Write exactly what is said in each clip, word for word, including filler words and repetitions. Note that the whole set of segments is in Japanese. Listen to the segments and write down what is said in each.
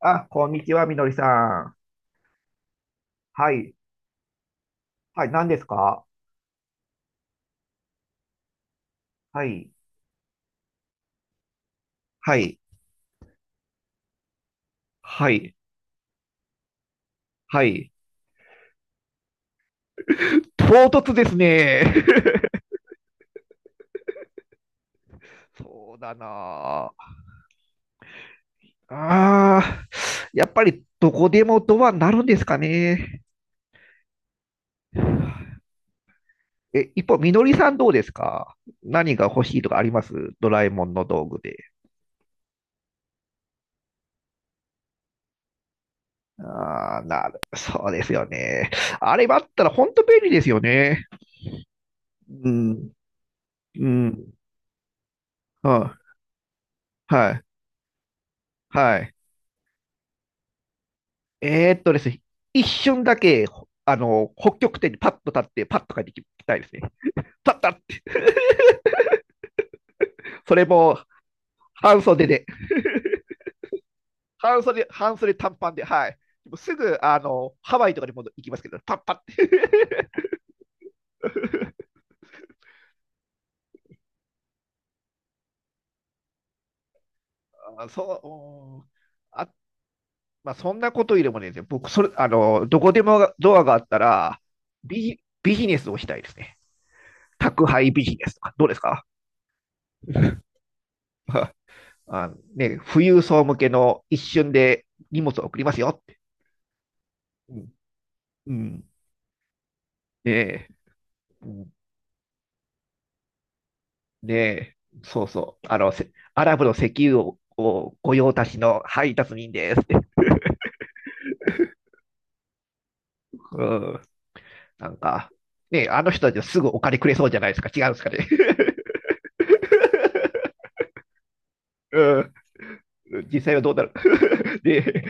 あ、こんにちは、みのりさん。はい。はい、何ですか？はい。はい。はい。はい。唐突ですね。そうだなあ。ああ、やっぱりどこでもドアになるんですかね。え、一方、みのりさんどうですか？何が欲しいとかあります？ドラえもんの道具で。ああ、なる、そうですよね。あれがあったら本当便利ですよね。うん、うん、うん、はい、はい。えーっとですね、一瞬だけ、ほあの、北極点にパッと立って、パッと帰ってきたいですね。パッパッって。それも、半袖で、半袖、半袖短パンで、はい。もうすぐ、あの、ハワイとかにも行きますけどね、パッパッって。あそう、うん。あ、まあ、そんなことよりもね、僕、それ、あの、どこでもドアがあったら、ビジ、ビジネスをしたいですね。宅配ビジネスとか、どうですか？ あのね、富裕層向けの一瞬で荷物を送りますよって。うんうん。ねえ、うん。ねえ、そうそう。あの、せアラブの石油を、を御用達の配達人ですって。うん。なんか、ねえ、あの人たちはすぐお金くれそうじゃないですか。違うんですかね。うん。実際はどうなる？ で、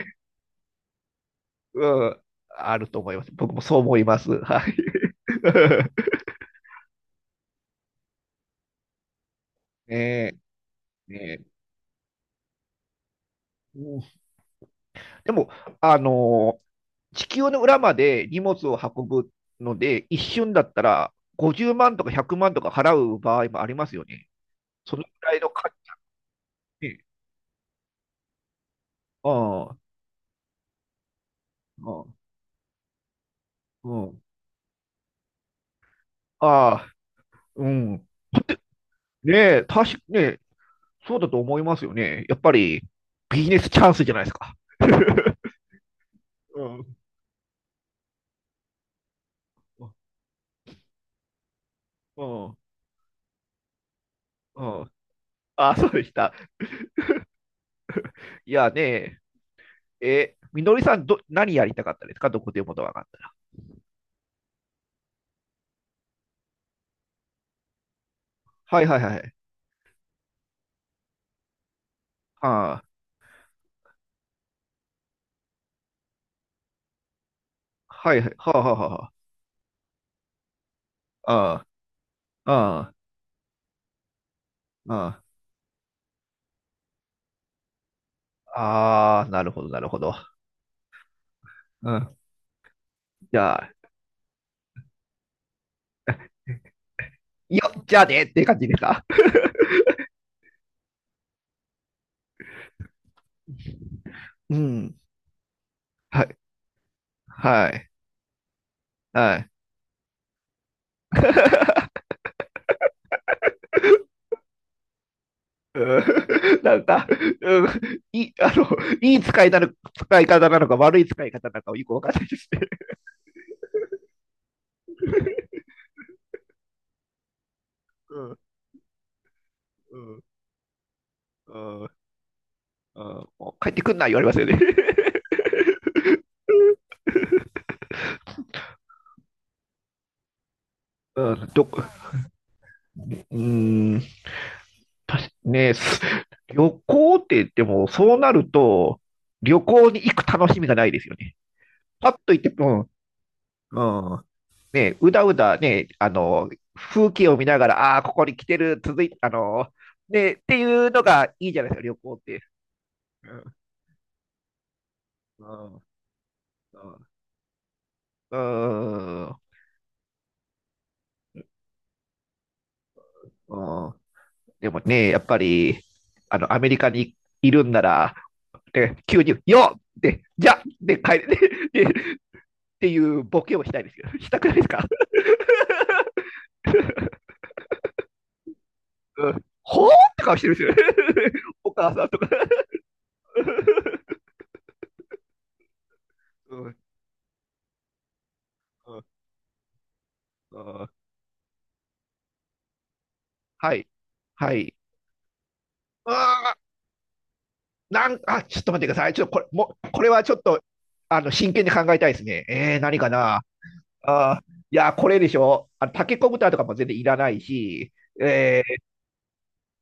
うん。あると思います。僕もそう思います。はい。ねえ、ねえ。でも、あの、地球の裏まで荷物を運ぶので、一瞬だったらごじゅうまんとかひゃくまんとか払う場合もありますよね。そのぐらいの価値。ああ、うん、うん。ああ、うん。ねえ、確かね、そうだと思いますよね。やっぱりビジネスチャンスじゃないですか。うん、うん、うん。ああ、そうでした。いやねえ、え、みのりさんど、何やりたかったですか？どこでもドアがあったら。はいはいはい。ああ、はいはい。はあはあはあ。ああ。ああ、ああ、ああなるほど、なるほど。うん。じゃあ、よっ、じゃあねって感じですか？うん。はい、はい、はい。うん。 なんか、うん、いい、あの、いい使いなの、使い方なのか、悪い使い方なのか、よくわかんないですね。うん、うん、うん、うん。もう帰ってくんな、言われますよね。うん、どこ、うーん、たし、ね、す旅行って言っても、そうなると、旅行に行く楽しみがないですよね。パッと行って、うん、うん。ね、うだうだね、あの、風景を見ながら、ああー、ここに来てる、続いあの、ね、っていうのがいいじゃないですか、旅行って。うんうんうん。うん。うん。でもね、やっぱり、あの、アメリカにいるんなら、で急に、よっでじゃっで、帰って、で、でっていうボケをしたいですよ。したくないですか？うん。ほーって顔してるんですよ。お母さんとか。うん。うん。うん。はい。はい。あなん、あ、ちょっと待ってください。ちょっとこれ、もう、これはちょっと、あの、真剣に考えたいですね。えー、何かな。あー、いや、これでしょ。あの、タケコプターとかも全然いらないし、え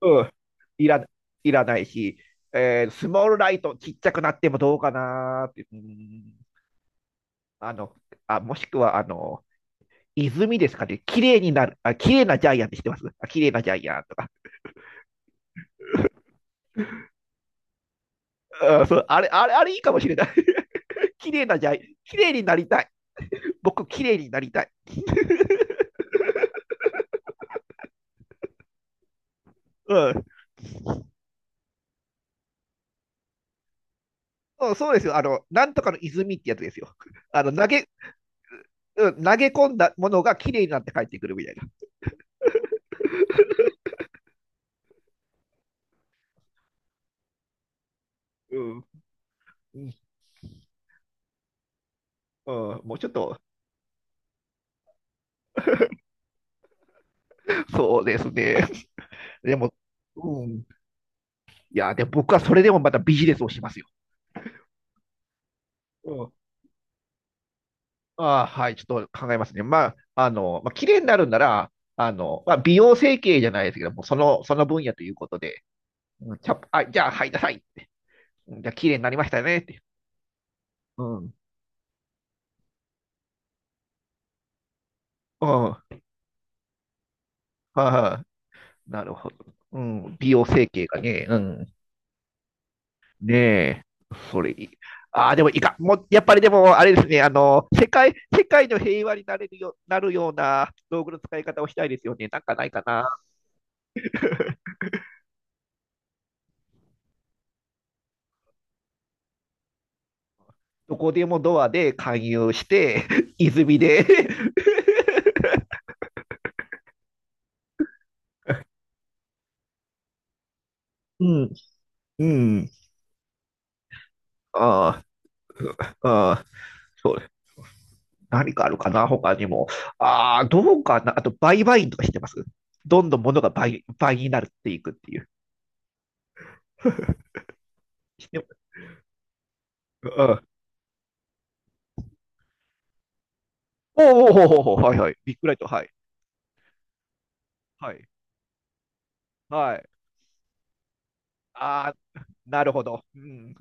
ー、うん、いら、いらないし、えー、スモールライトちっちゃくなってもどうかなーって、うん、あの、あ、もしくは、あの、泉ですかね。綺麗になる、あ、綺麗なジャイアンって知ってます？あ、綺麗なジャイアンとか。うん、そう、あれ、あれ、あれいいかもしれない。綺麗なジャイ、綺麗になりたい。僕、綺麗になりたい。うん、そうそうですよ。あの、なんとかの泉ってやつですよ。あの、投げ、うん、投げ込んだものが綺麗になって帰ってくるみたいな。うん。うん、うん、もうちょっと、そうですね。でも、うん。いや、で、僕はそれでもまたビジネスをしますよ。うん。ああ、はい、ちょっと考えますね。まあ、あの、まあ、綺麗になるんなら、あの、まあ、美容整形じゃないですけども、その、その分野ということで、うん、ちゃあ、じゃあ、はい、なさい。うん、じゃあ、綺麗になりましたねって。うん。うん。はいはい、なるほど。うん、美容整形がね、うん。ねえ、それいい。ああ、でもいいか。もう、やっぱりでも、あれですね、あの、世界、世界の平和になれるよ、なるような道具の使い方をしたいですよね。なんかないかな。どこでもドアで勧誘して、泉で うん、うん。ああ、ああ、そうです。何かあるかな、他にも。ああ、どうかな。あと、売買員とかしてます？どんどん物が倍、倍になっていくっていう。うん、おおおおおお、はいはい。ビッグライト、はい。はい。はい。ああ、なるほど。うん。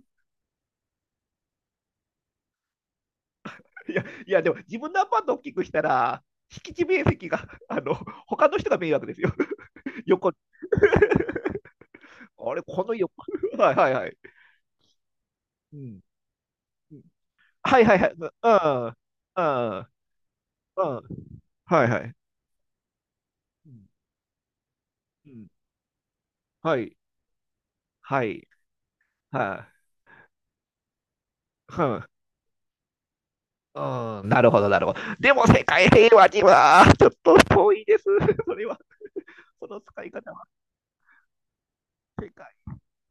いや、いや、でも自分のアパート大きくしたら、敷地面積が、あの、他の人が迷惑ですよ。横。あれ、この横。はいはいはい。うん。うん、はいはいはい。うん。うん。うん。うん、はいはい。うん。うん、はい。はい。はい。うん。うん。なるほど、なるほど。でも、世界平和には、ちょっと遠いです。それは、その使い方は。世界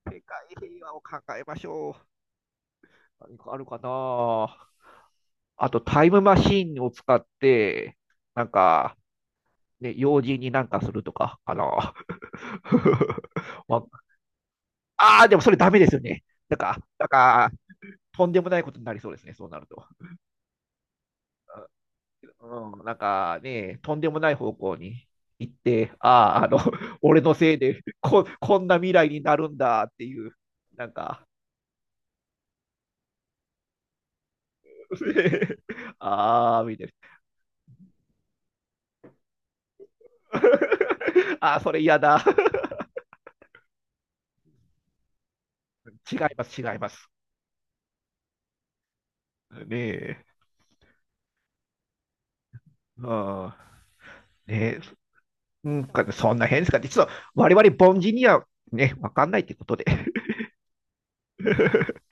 世界平和を考えましょう。何かあるかな？あと、タイムマシンを使って、なんか、ね、用心になんかするとか、かな。まあ、あー、でもそれダメですよね。なんか、なんか、とんでもないことになりそうですね、そうなると。うん、なんかね、とんでもない方向に行って、ああ、あの、俺のせいでこ、こんな未来になるんだっていう、なんか、ああ、みたいな。あー、それ嫌だ。違います、違います。ねえ。ああねえ。うんかね、そんな変ですかね。実は我々凡人にはね、わかんないってことで。